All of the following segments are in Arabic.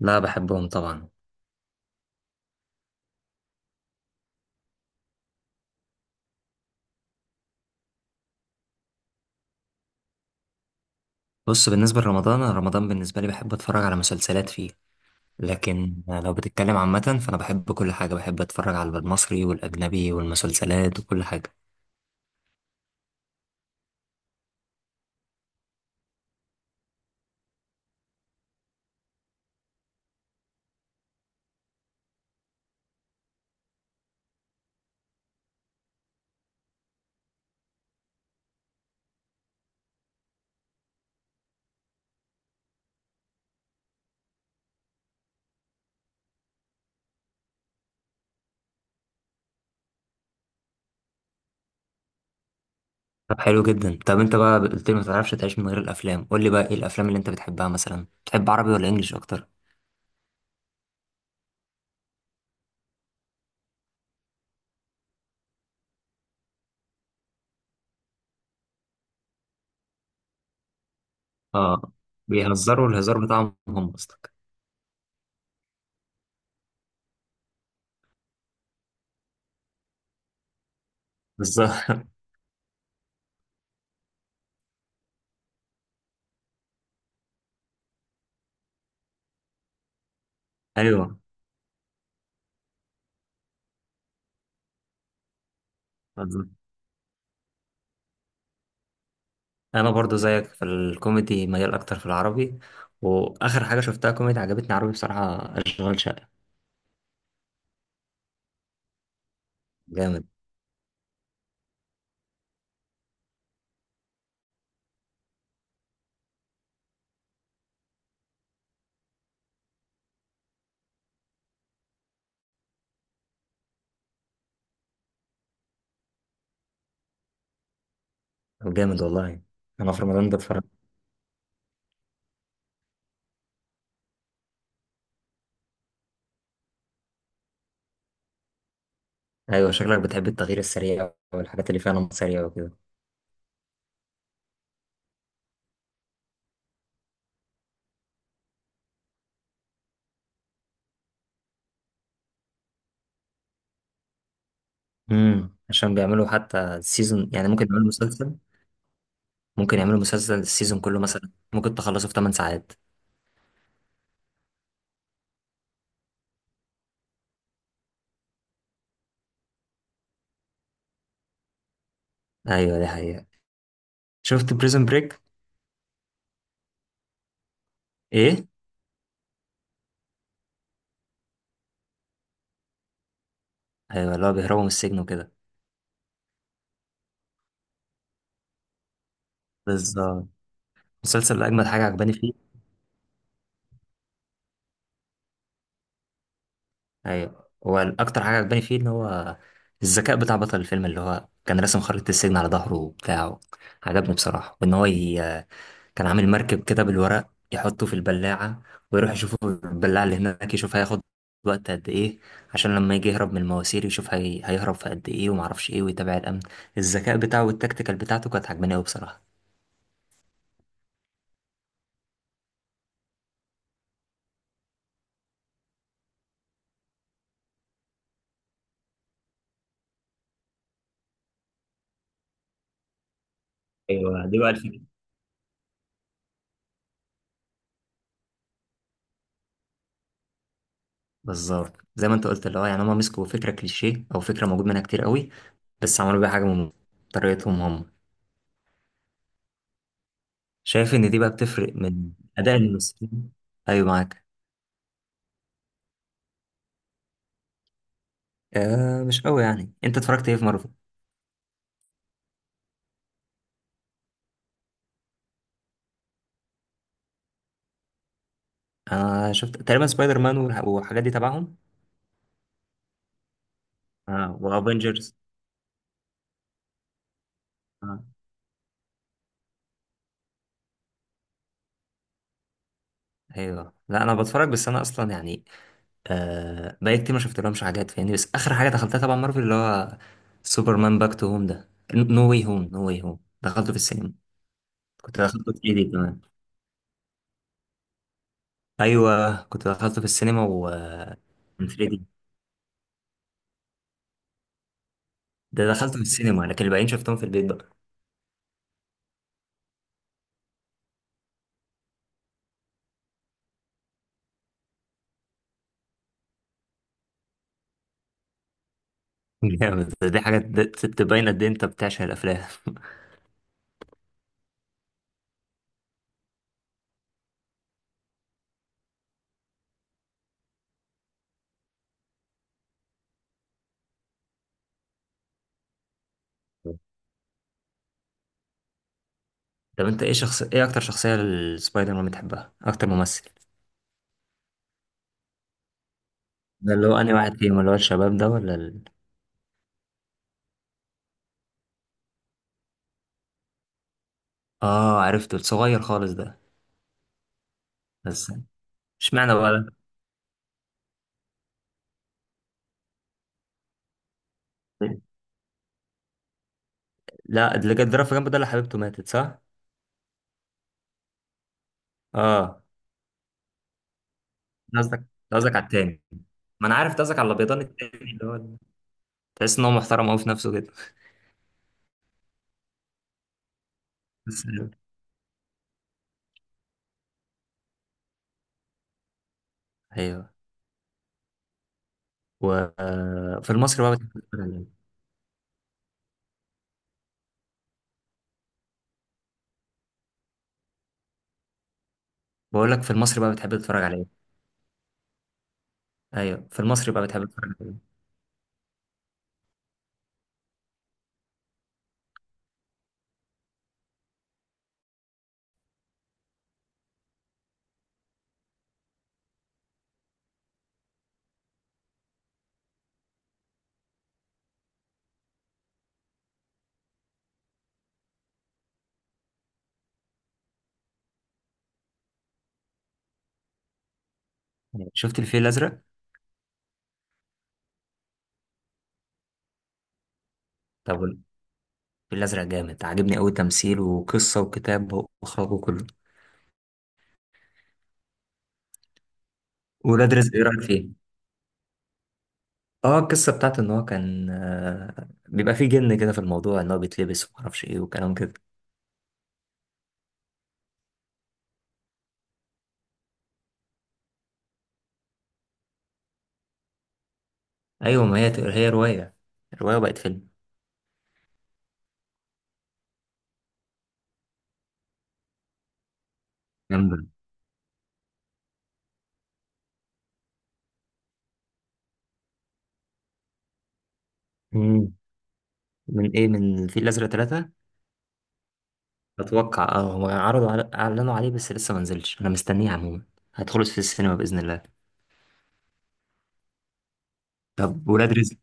لا، بحبهم طبعا. بص، بالنسبة لرمضان أنا رمضان بالنسبة لي بحب أتفرج على مسلسلات فيه. لكن لو بتتكلم عامة فأنا بحب كل حاجة، بحب أتفرج على المصري والأجنبي والمسلسلات وكل حاجة. طب حلو جدا. طب أنت بقى قلت لي ما تعرفش تعيش من غير الأفلام، قول لي بقى إيه الأفلام اللي أنت بتحبها؟ مثلا بتحب عربي ولا إنجليش أكتر؟ آه، بيهزروا الهزار بتاعهم هم قصدك؟ بالظبط. أيوه، بالظبط. أنا برضو زيك في الكوميدي ميال أكتر في العربي. وآخر حاجة شفتها كوميدي عجبتني عربي بصراحة أشغال شقة. جامد. جامد والله. انا في رمضان بتفرج. ايوه، شكلك بتحب التغيير السريع والحاجات اللي فيها نمط سريع وكده. عشان بيعملوا حتى سيزون. يعني ممكن يعملوا مسلسل، ممكن يعملوا مسلسل السيزون كله مثلا ممكن تخلصه في 8 ساعات. ايوه دي حقيقة. شفت بريزون بريك. ايه. ايوه اللي هو بيهربوا من السجن وكده. بالظبط. المسلسل اللي اجمد حاجة عجباني فيه. ايوه، هو الاكتر حاجة عجباني فيه ان هو الذكاء بتاع بطل الفيلم، اللي هو كان راسم خريطة السجن على ظهره وبتاعه. عجبني بصراحة. وان هو كان عامل مركب كده بالورق يحطه في البلاعة، ويروح يشوفه في البلاعة اللي هناك يشوف هياخد وقت قد ايه. عشان لما يجي يهرب من المواسير يشوف هيهرب في قد ايه ومعرفش ايه ويتابع الأمن. الذكاء بتاعه والتكتيكال بتاعته كانت عجباني أوي بصراحة. ايوه دي بقى الفكره. بالظبط زي ما انت قلت، اللي هو يعني هما مسكوا فكرة كليشيه أو فكرة موجود منها كتير قوي، بس عملوا بيها حاجة من طريقتهم هم. شايف إن دي بقى بتفرق من أداء الممثلين. أيوة، معاك. آه، مش قوي. يعني أنت اتفرجت إيه في مارفل؟ انا شفت تقريبا سبايدر مان والحاجات دي تبعهم. اه وافنجرز. اه. ايوه لا، انا بتفرج بس انا اصلا يعني آه بقالي كتير ما شفت لهمش حاجات فاهمني. بس اخر حاجه دخلتها تبع مارفل اللي هو سوبرمان باك تو هوم ده، نو واي هوم. دخلته في السينما. كنت دخلته في 3D كمان. ايوه كنت دخلته في السينما ومن 3D، ده دخلته في السينما لكن الباقيين شفتهم في البيت بقى. جامد. دي حاجه تبين قد ايه انت بتعشق الافلام. طب انت ايه ايه اكتر شخصيه للسبايدر مان بتحبها؟ اكتر ممثل؟ ده اللي هو أنهي واحد فيهم؟ اللي هو الشباب ده ولا آه، عرفته الصغير خالص ده. بس اشمعنى بقى ده؟ لا، اللي كان ضرب في جنبه ده اللي حبيبته ماتت صح؟ آه. ده قصدك ده قصدك على التاني. ما أنا عارف ده قصدك على الأبيضان التاني اللي هو تحس إن هو محترم أوي في نفسه كده. بس حلو. أيوه. وفي المصري بقى بتحب تتفرج على إيه؟ بقول لك في المصري بقى بتحب تتفرج على إيه؟ أيوه في المصري بقى بتحب تتفرج على إيه؟ يعني شفت الفيل الأزرق؟ طب الفيل الأزرق جامد، عاجبني أوي تمثيل وقصة وكتاب وإخراج وكله. ولاد رزق إيه رأيك فيه؟ اه، القصة بتاعت ان هو كان بيبقى فيه جن كده في الموضوع ان هو بيتلبس ومعرفش ايه وكلام كده. ايوه. ما هي رواية، الرواية بقت فيلم. جامدة. مم. من ايه؟ من الفيل الازرق 3؟ اتوقع اه، هو اعلنوا عليه بس لسه ما نزلش. انا مستنيه عموما، هدخله في السينما باذن الله. طب ولاد رزق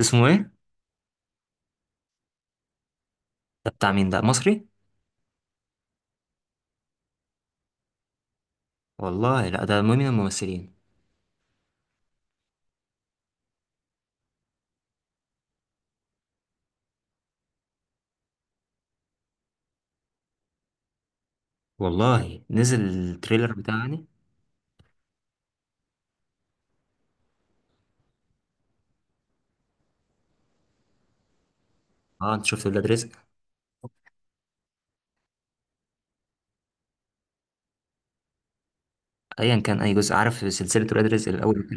اسمه ايه؟ ده بتاع مين؟ ده مصري؟ والله لا، ده مهم من الممثلين. والله نزل التريلر بتاعه يعني. اه انت شفت ولاد رزق؟ ايا كان اي جزء، عارف سلسلة ولاد رزق الاول.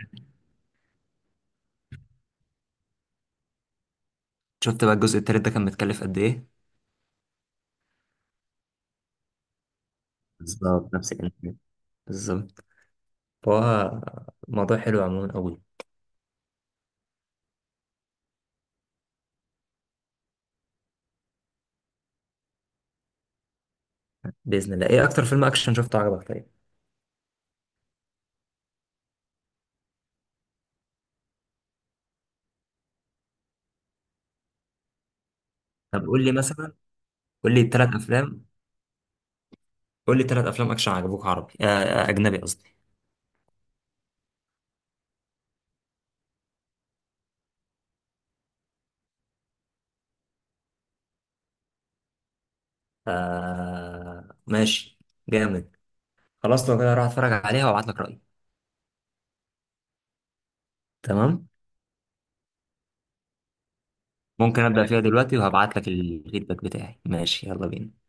شفت بقى الجزء التالت ده كان متكلف قد ايه. بالظبط نفس الكلام. بالظبط. فهو الموضوع حلو عموما قوي. باذن الله. ايه اكتر فيلم اكشن شفته عجبك؟ طيب. طب قول لي ثلاث افلام قول لي 3 افلام اكشن عجبوك عربي اجنبي قصدي. آه ماشي. جامد. خلاص لو كده هروح اتفرج عليها وابعت لك رايي. تمام. ممكن ابدا فيها دلوقتي وهبعت لك الفيدباك بتاعي. ماشي يلا بينا.